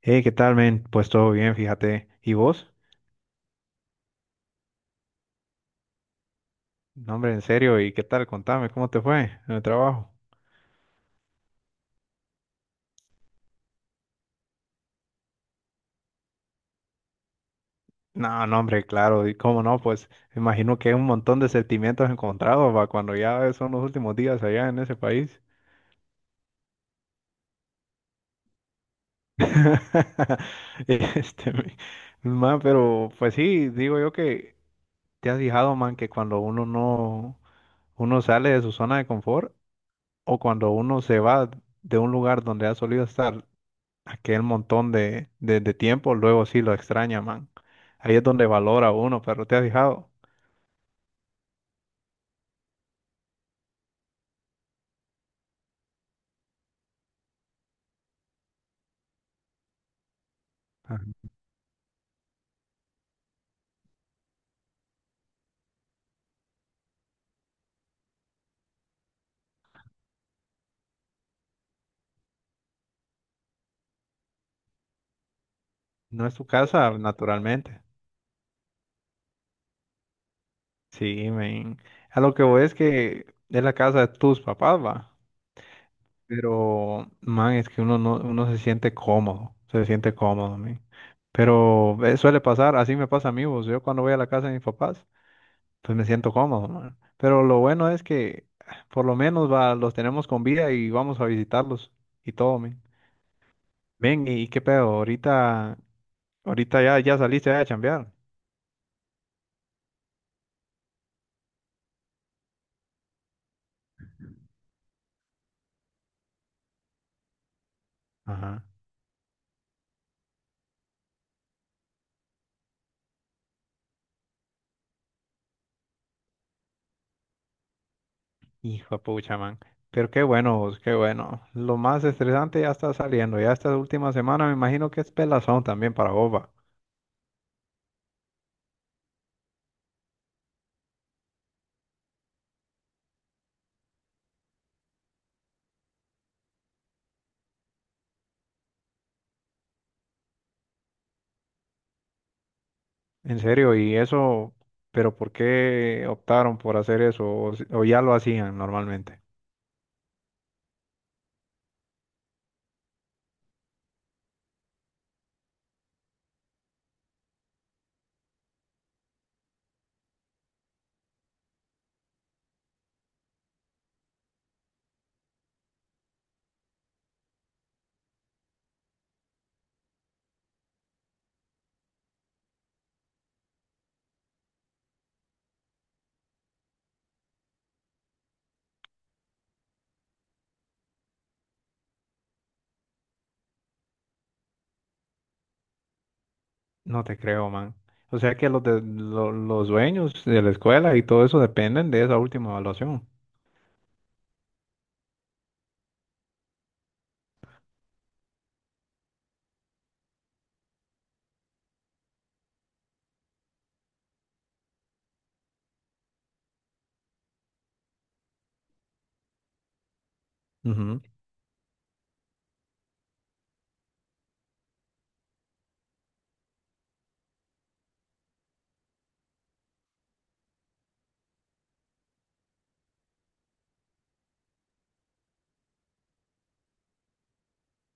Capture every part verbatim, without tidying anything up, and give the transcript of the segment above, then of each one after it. Hey, ¿qué tal, men? Pues todo bien, fíjate. ¿Y vos? No, hombre, en serio, ¿y qué tal? Contame, ¿cómo te fue en el trabajo? No, no, hombre, claro, y cómo no, pues imagino que hay un montón de sentimientos encontrados, va, cuando ya son los últimos días allá en ese país. Este, man, pero pues sí, digo yo que te has fijado, man, que cuando uno no, uno sale de su zona de confort o cuando uno se va de un lugar donde ha solido estar aquel montón de, de, de tiempo, luego sí lo extraña, man. Ahí es donde valora uno, pero te has fijado, ajá. No es tu casa, naturalmente. Sí, men. A lo que voy es que es la casa de tus papás, va. Pero, man, es que uno no, uno se siente cómodo, se siente cómodo, men. Pero eh, suele pasar, así me pasa a mí, vos. Yo cuando voy a la casa de mis papás, pues me siento cómodo, man. Pero lo bueno es que ah, por lo menos va, los tenemos con vida y vamos a visitarlos y todo, men. Ven, ¿y qué pedo? Ahorita, ahorita ya, ya saliste a chambear. Ajá. Hijo de pucha, man. Pero qué bueno, vos, qué bueno. Lo más estresante ya está saliendo. Ya esta última semana me imagino que es pelazón también para Boba. En serio, ¿y eso? Pero ¿por qué optaron por hacer eso? O, si- o ya lo hacían normalmente. No te creo, man. O sea que los, de, lo- los dueños de la escuela y todo eso dependen de esa última evaluación. Ujú.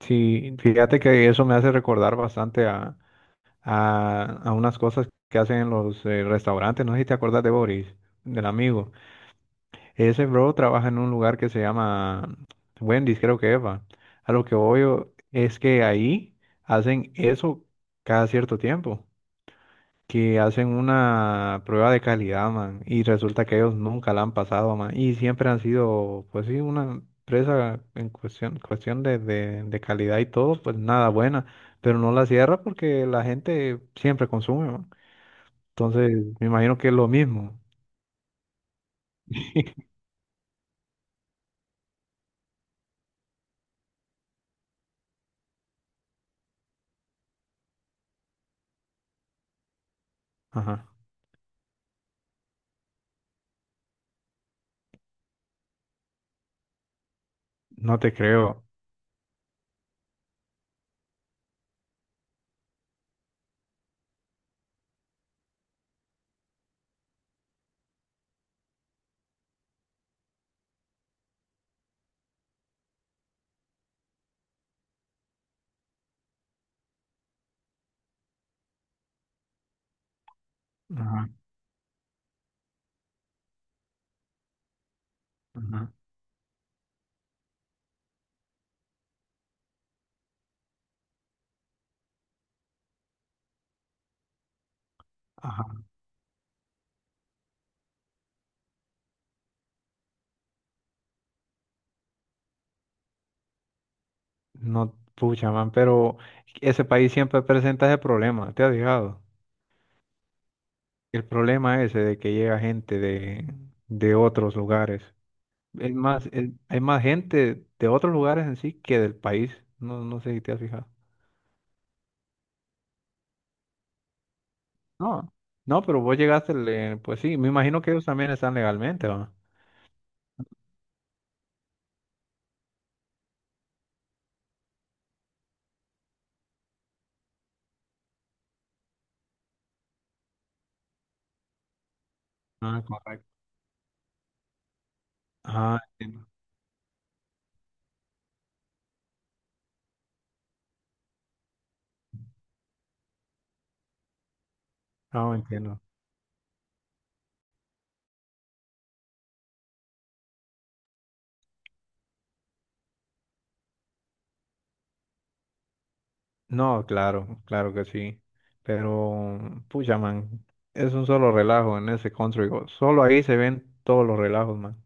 Sí, fíjate que eso me hace recordar bastante a a, a unas cosas que hacen en los eh, restaurantes. No sé si te acuerdas de Boris, del amigo. Ese bro trabaja en un lugar que se llama Wendy's, creo que es, va. A lo que voy o- es que ahí hacen eso cada cierto tiempo, que hacen una prueba de calidad, man, y resulta que ellos nunca la han pasado, man, y siempre han sido, pues sí, una empresa en cuestión, cuestión de, de, de calidad y todo, pues nada buena, pero no la cierra porque la gente siempre consume, man. Entonces, me imagino que es lo mismo. Ajá. No te creo. Ajá. Ajá. Ajá. No, pucha, man, pero ese país siempre presenta ese problema, ¿te has fijado? El problema ese de que llega gente de, de otros lugares. Es más, es- hay más gente de otros lugares en sí que del país. No, no sé si te has fijado. No, no, pero vos llegaste, le- pues sí, me imagino que ellos también están legalmente, ¿va? Ah, correcto. Ah, entiendo. Ah, entiendo. No, claro, claro que sí. Pero, pucha, man, es un solo relajo en ese country. go- Solo ahí se ven todos los relajos, man.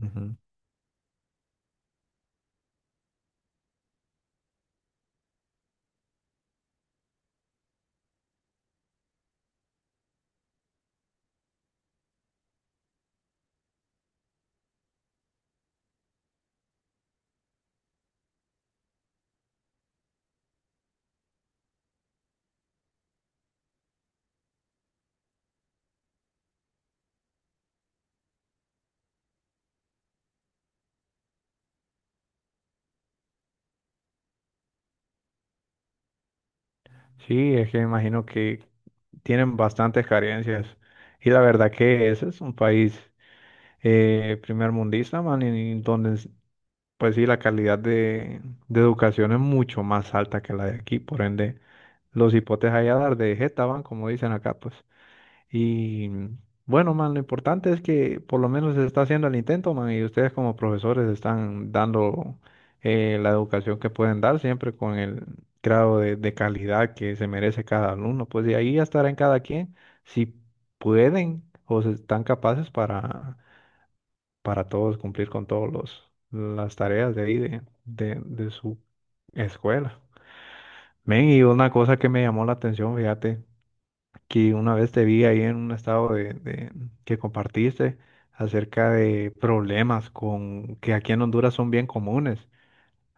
Ujú. Sí, es que me imagino que tienen bastantes carencias. Y la verdad que ese es un país eh, primer mundista, man, y donde, s- pues sí, la calidad de, de educación es mucho más alta que la de aquí. Por ende, los hipotes allá dar de jeta van, como dicen acá, pues. Y bueno, man, lo importante es que por lo menos se está haciendo el intento, man, y ustedes como profesores están dando eh, la educación que pueden dar siempre con el grado de, de calidad que se merece cada alumno. Pues de ahí ya estará en cada quien si pueden o se están capaces para, para todos cumplir con todos los las tareas de ahí de, de, de su escuela. Men, y una cosa que me llamó la atención, fíjate que una vez te vi ahí en un estado de, de- que compartiste acerca de problemas con que aquí en Honduras son bien comunes,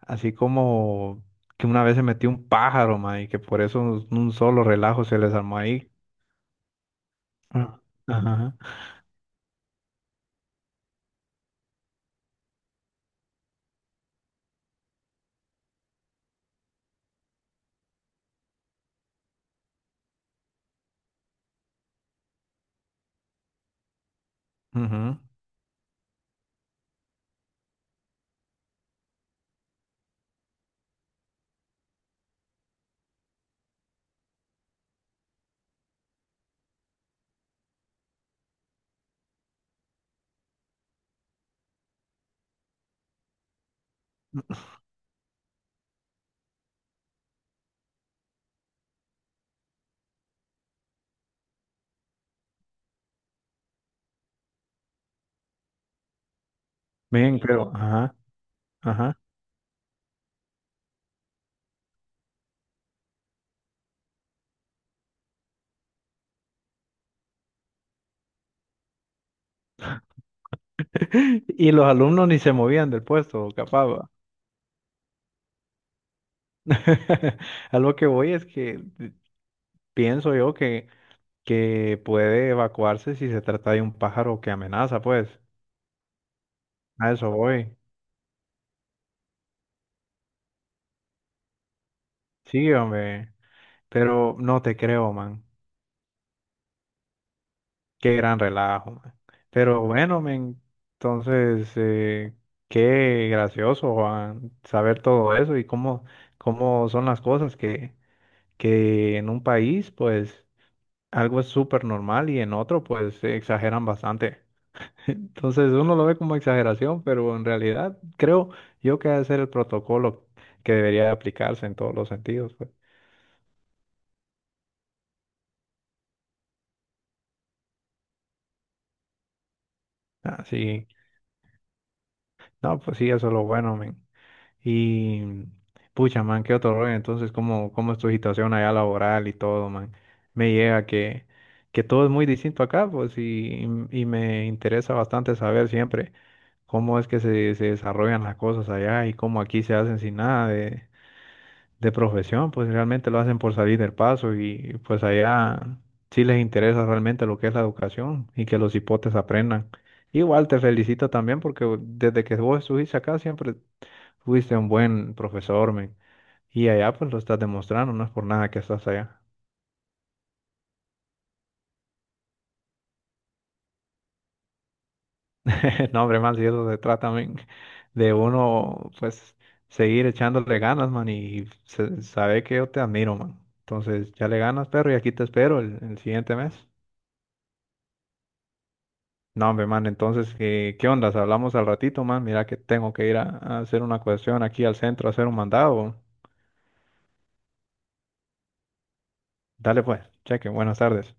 así como que una vez se metió un pájaro, ma, y que por eso un, un solo relajo se les armó ahí. Ah, ajá, ujú. Bien, pero, ajá, ajá. Y los alumnos ni se movían del puesto, capaz. Va. A lo que voy es que pienso yo que, que puede evacuarse si se trata de un pájaro que amenaza, pues. A eso voy. Sí, hombre. Pero no te creo, man. Qué gran relajo, man. Pero bueno, men, entonces, eh, qué gracioso, Juan, saber todo eso y cómo, cómo son las cosas que, que en un país, pues, algo es súper normal y en otro, pues, se exageran bastante. Entonces, uno lo ve como exageración, pero en realidad creo yo que ha de ser el protocolo que debería aplicarse en todos los sentidos, pues. Así. No, pues sí, eso es lo bueno, men. Y pucha, man, qué otro rollo. Entonces, ¿cómo, cómo es tu situación allá laboral y todo, man? Me llega que, que todo es muy distinto acá, pues, y, y me interesa bastante saber siempre cómo es que se, se desarrollan las cosas allá y cómo aquí se hacen sin nada de, de profesión, pues realmente lo hacen por salir del paso y pues allá sí les interesa realmente lo que es la educación y que los hipotes aprendan. Igual te felicito también porque desde que vos estuviste acá siempre fuiste un buen profesor, men. Y allá pues lo estás demostrando, no es por nada que estás allá. No, hombre, man, si eso se trata, men, de uno pues seguir echándole ganas, man, y se- saber que yo te admiro, man. Entonces ya le ganas, perro, y aquí te espero el el siguiente mes. No, hombre, man, entonces, ¿qué, qué ondas? Hablamos al ratito, man. Mira que tengo que ir a, a hacer una cuestión aquí al centro, a hacer un mandado. Dale pues, cheque, buenas tardes.